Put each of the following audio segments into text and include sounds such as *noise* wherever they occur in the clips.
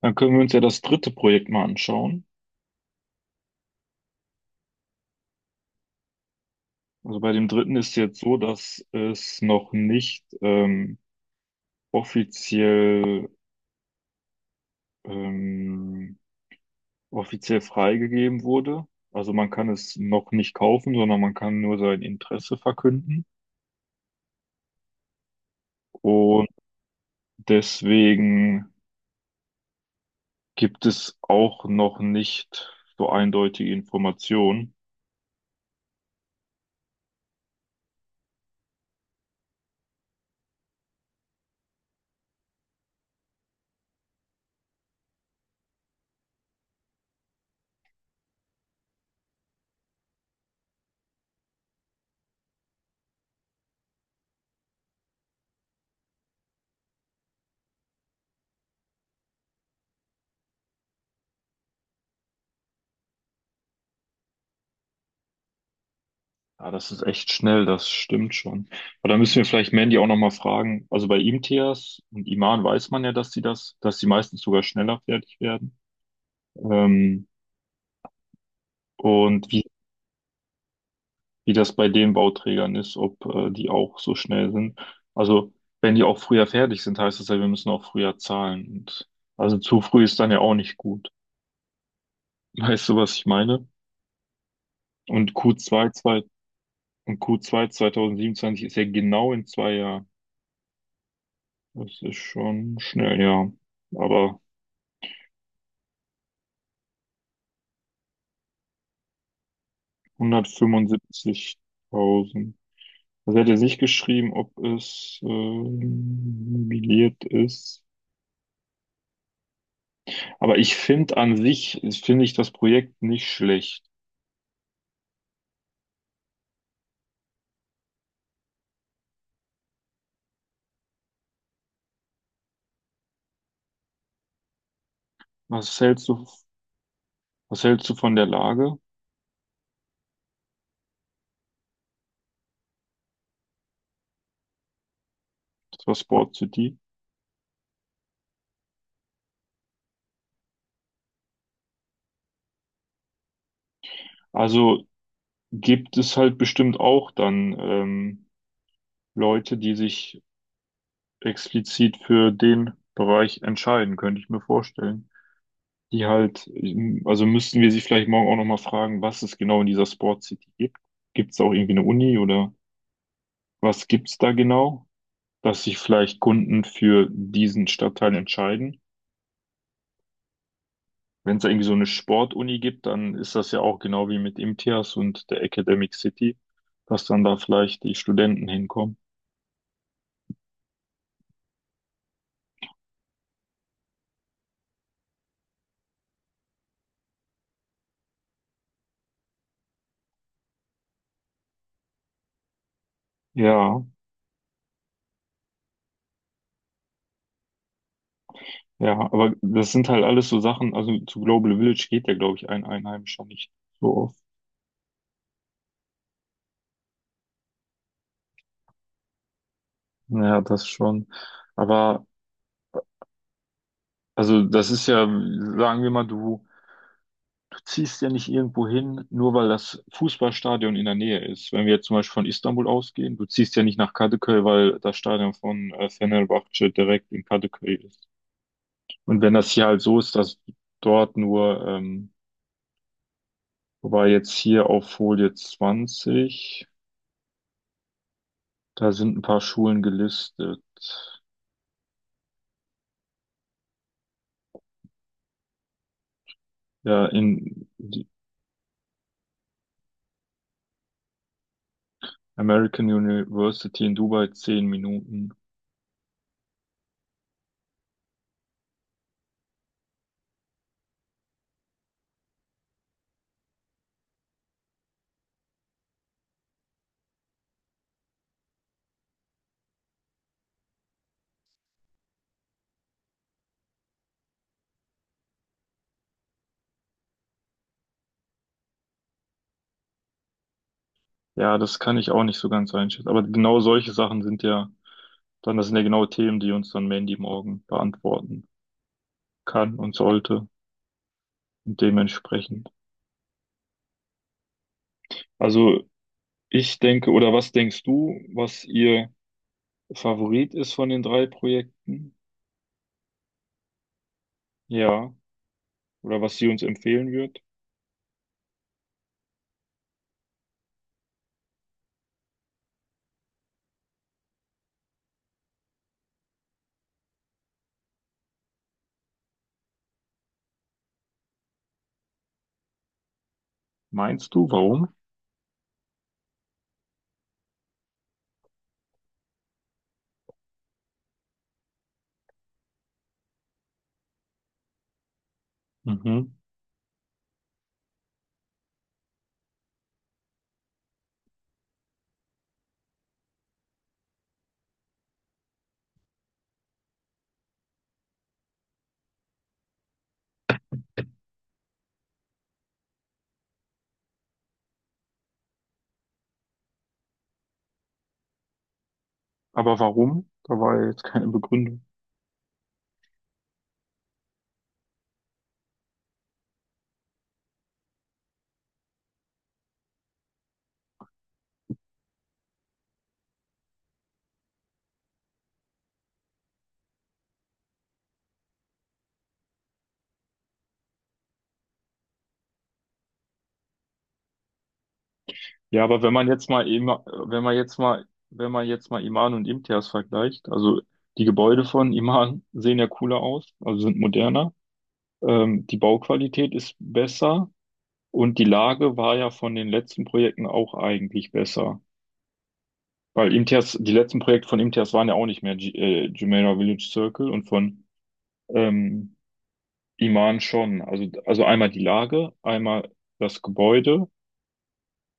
Dann können wir uns ja das dritte Projekt mal anschauen. Also bei dem dritten ist jetzt so, dass es noch nicht offiziell, ähm, offiziell freigegeben wurde. Also man kann es noch nicht kaufen, sondern man kann nur sein Interesse verkünden. Und deswegen gibt es auch noch nicht so eindeutige Informationen. Ja, das ist echt schnell, das stimmt schon. Aber da müssen wir vielleicht Mandy auch nochmal fragen. Also bei Imtiaz und Iman weiß man ja, dass sie meistens sogar schneller fertig werden. Ähm, und wie das bei den Bauträgern ist, ob die auch so schnell sind. Also wenn die auch früher fertig sind, heißt das ja, wir müssen auch früher zahlen. Und also zu früh ist dann ja auch nicht gut. *laughs* Weißt du, was ich meine? Und Q2, zwei, zwei, und Q2 2027 ist ja genau in 2 Jahren. Das ist schon schnell, ja. Aber 175.000. Also er hat ja nicht geschrieben, ob es novelliert ist. Aber ich finde an sich, finde ich das Projekt nicht schlecht. Was hältst du, was hältst du von der Lage? Das war Sport City. Also gibt es halt bestimmt auch dann Leute, die sich explizit für den Bereich entscheiden, könnte ich mir vorstellen. die halt, also müssten wir sie vielleicht morgen auch nochmal fragen, was es genau in dieser Sport City gibt. Gibt es auch irgendwie eine Uni oder was gibt es da genau, dass sich vielleicht Kunden für diesen Stadtteil entscheiden? Wenn es da irgendwie so eine Sportuni gibt, dann ist das ja auch genau wie mit IMTIAS und der Academic City, dass dann da vielleicht die Studenten hinkommen. Ja, ja, aber das sind halt alles so Sachen, also zu Global Village geht ja, glaube ich, ein Einheimischer nicht so oft. Ja, das schon. Aber Also das ist ja, sagen wir mal, du ziehst ja nicht irgendwo hin, nur weil das Fußballstadion in der Nähe ist. Wenn wir jetzt zum Beispiel von Istanbul ausgehen, du ziehst ja nicht nach Kadıköy, weil das Stadion von Fenerbahçe direkt in Kadıköy ist. Und wenn das hier halt so ist, dass dort nur, wobei jetzt hier auf Folie 20, da sind ein paar Schulen gelistet. Ja, in die American University in Dubai 10 Minuten. Ja, das kann ich auch nicht so ganz einschätzen. Aber genau solche Sachen. Sind ja genau Themen, die uns dann Mandy morgen beantworten kann und sollte und dementsprechend. Also ich denke, oder was denkst du, was ihr Favorit ist von den drei Projekten? Ja, oder was sie uns empfehlen wird? Meinst du, warum? Mhm. Aber warum? Da war ja jetzt keine Begründung. Ja, aber wenn man jetzt mal Ima- wenn man jetzt mal, wenn man jetzt mal Iman und Imtiaz vergleicht, also die Gebäude von Iman sehen ja cooler aus, also sind moderner, die Bauqualität ist besser und die Lage war ja von den letzten Projekten auch eigentlich besser. Weil Imtiaz, die letzten Projekte von Imtiaz waren ja auch nicht mehr G Jumeirah Village Circle und von ähm, Iman schon. Also einmal die Lage, einmal das Gebäude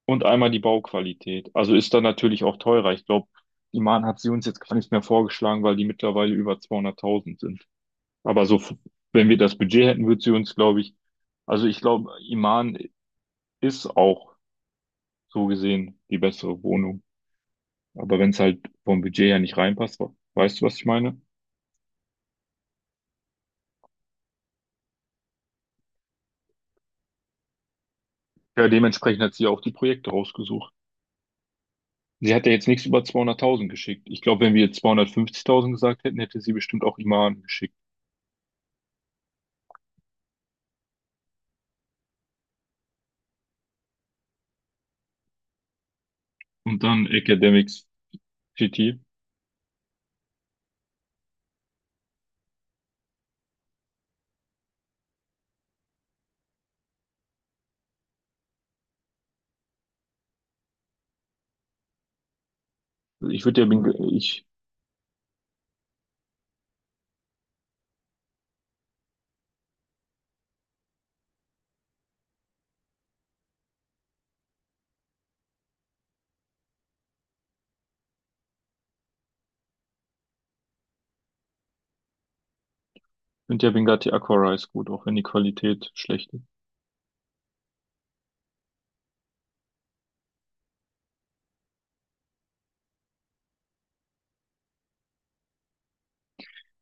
und einmal die Bauqualität. Also ist dann natürlich auch teurer. Ich glaube, die Mahn hat sie uns jetzt gar nicht mehr vorgeschlagen, weil die mittlerweile über 200.000 sind. Aber so, wenn wir das Budget hätten, würde sie uns, glaube ich, also ich glaube, Iman ist auch so gesehen die bessere Wohnung. Aber wenn es halt vom Budget her nicht reinpasst, weißt du, was ich meine? Ja, dementsprechend hat sie auch die Projekte rausgesucht. Sie hat ja jetzt nichts über 200.000 geschickt. Ich glaube, wenn wir jetzt 250.000 gesagt hätten, hätte sie bestimmt auch Iman geschickt. Und dann Academics City. Ich finde ja Bengati Aqua Rice gut, auch wenn die Qualität schlecht ist.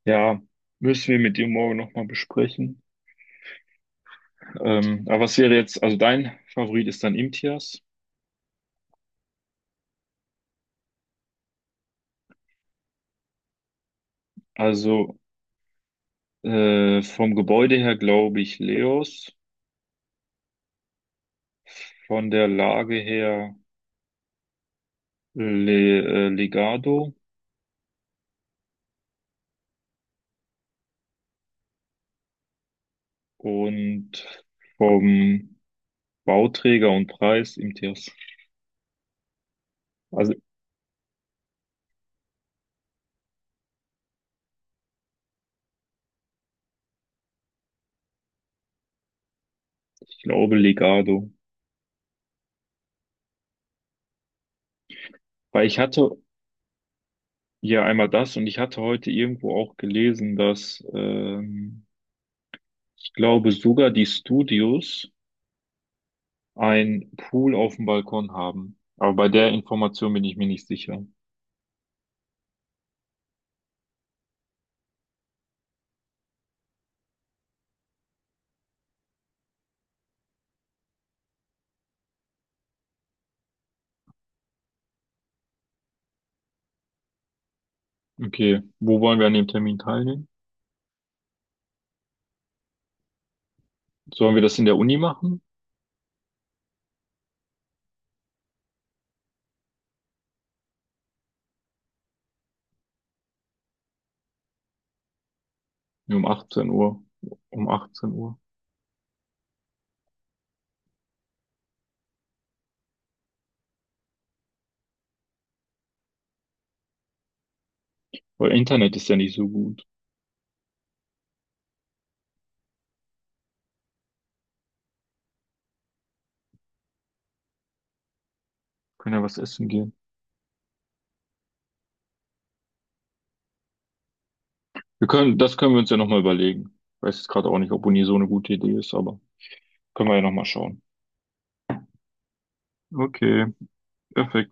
Ja, müssen wir mit dir morgen nochmal besprechen. Aber was wäre jetzt, also dein Favorit ist dann Imtiaz. Also vom Gebäude her glaube ich Leos, von der Lage her Legado und vom Bauträger und Preis Imtiaz. Also ich glaube Legado. Weil ich hatte Ja, einmal das. Und ich hatte heute irgendwo auch gelesen, dass ich glaube sogar die Studios einen Pool auf dem Balkon haben. Aber bei der Information bin ich mir nicht sicher. Okay, wo wollen wir an dem Termin teilnehmen? Sollen wir das in der Uni machen? Nee, um 18 Uhr. Um 18 Uhr. Weil Internet ist ja nicht so gut. Können ja was essen gehen. Das können wir uns ja nochmal überlegen. Weiß jetzt gerade auch nicht, ob Uni so eine gute Idee ist, aber können wir ja nochmal schauen. Okay, perfekt.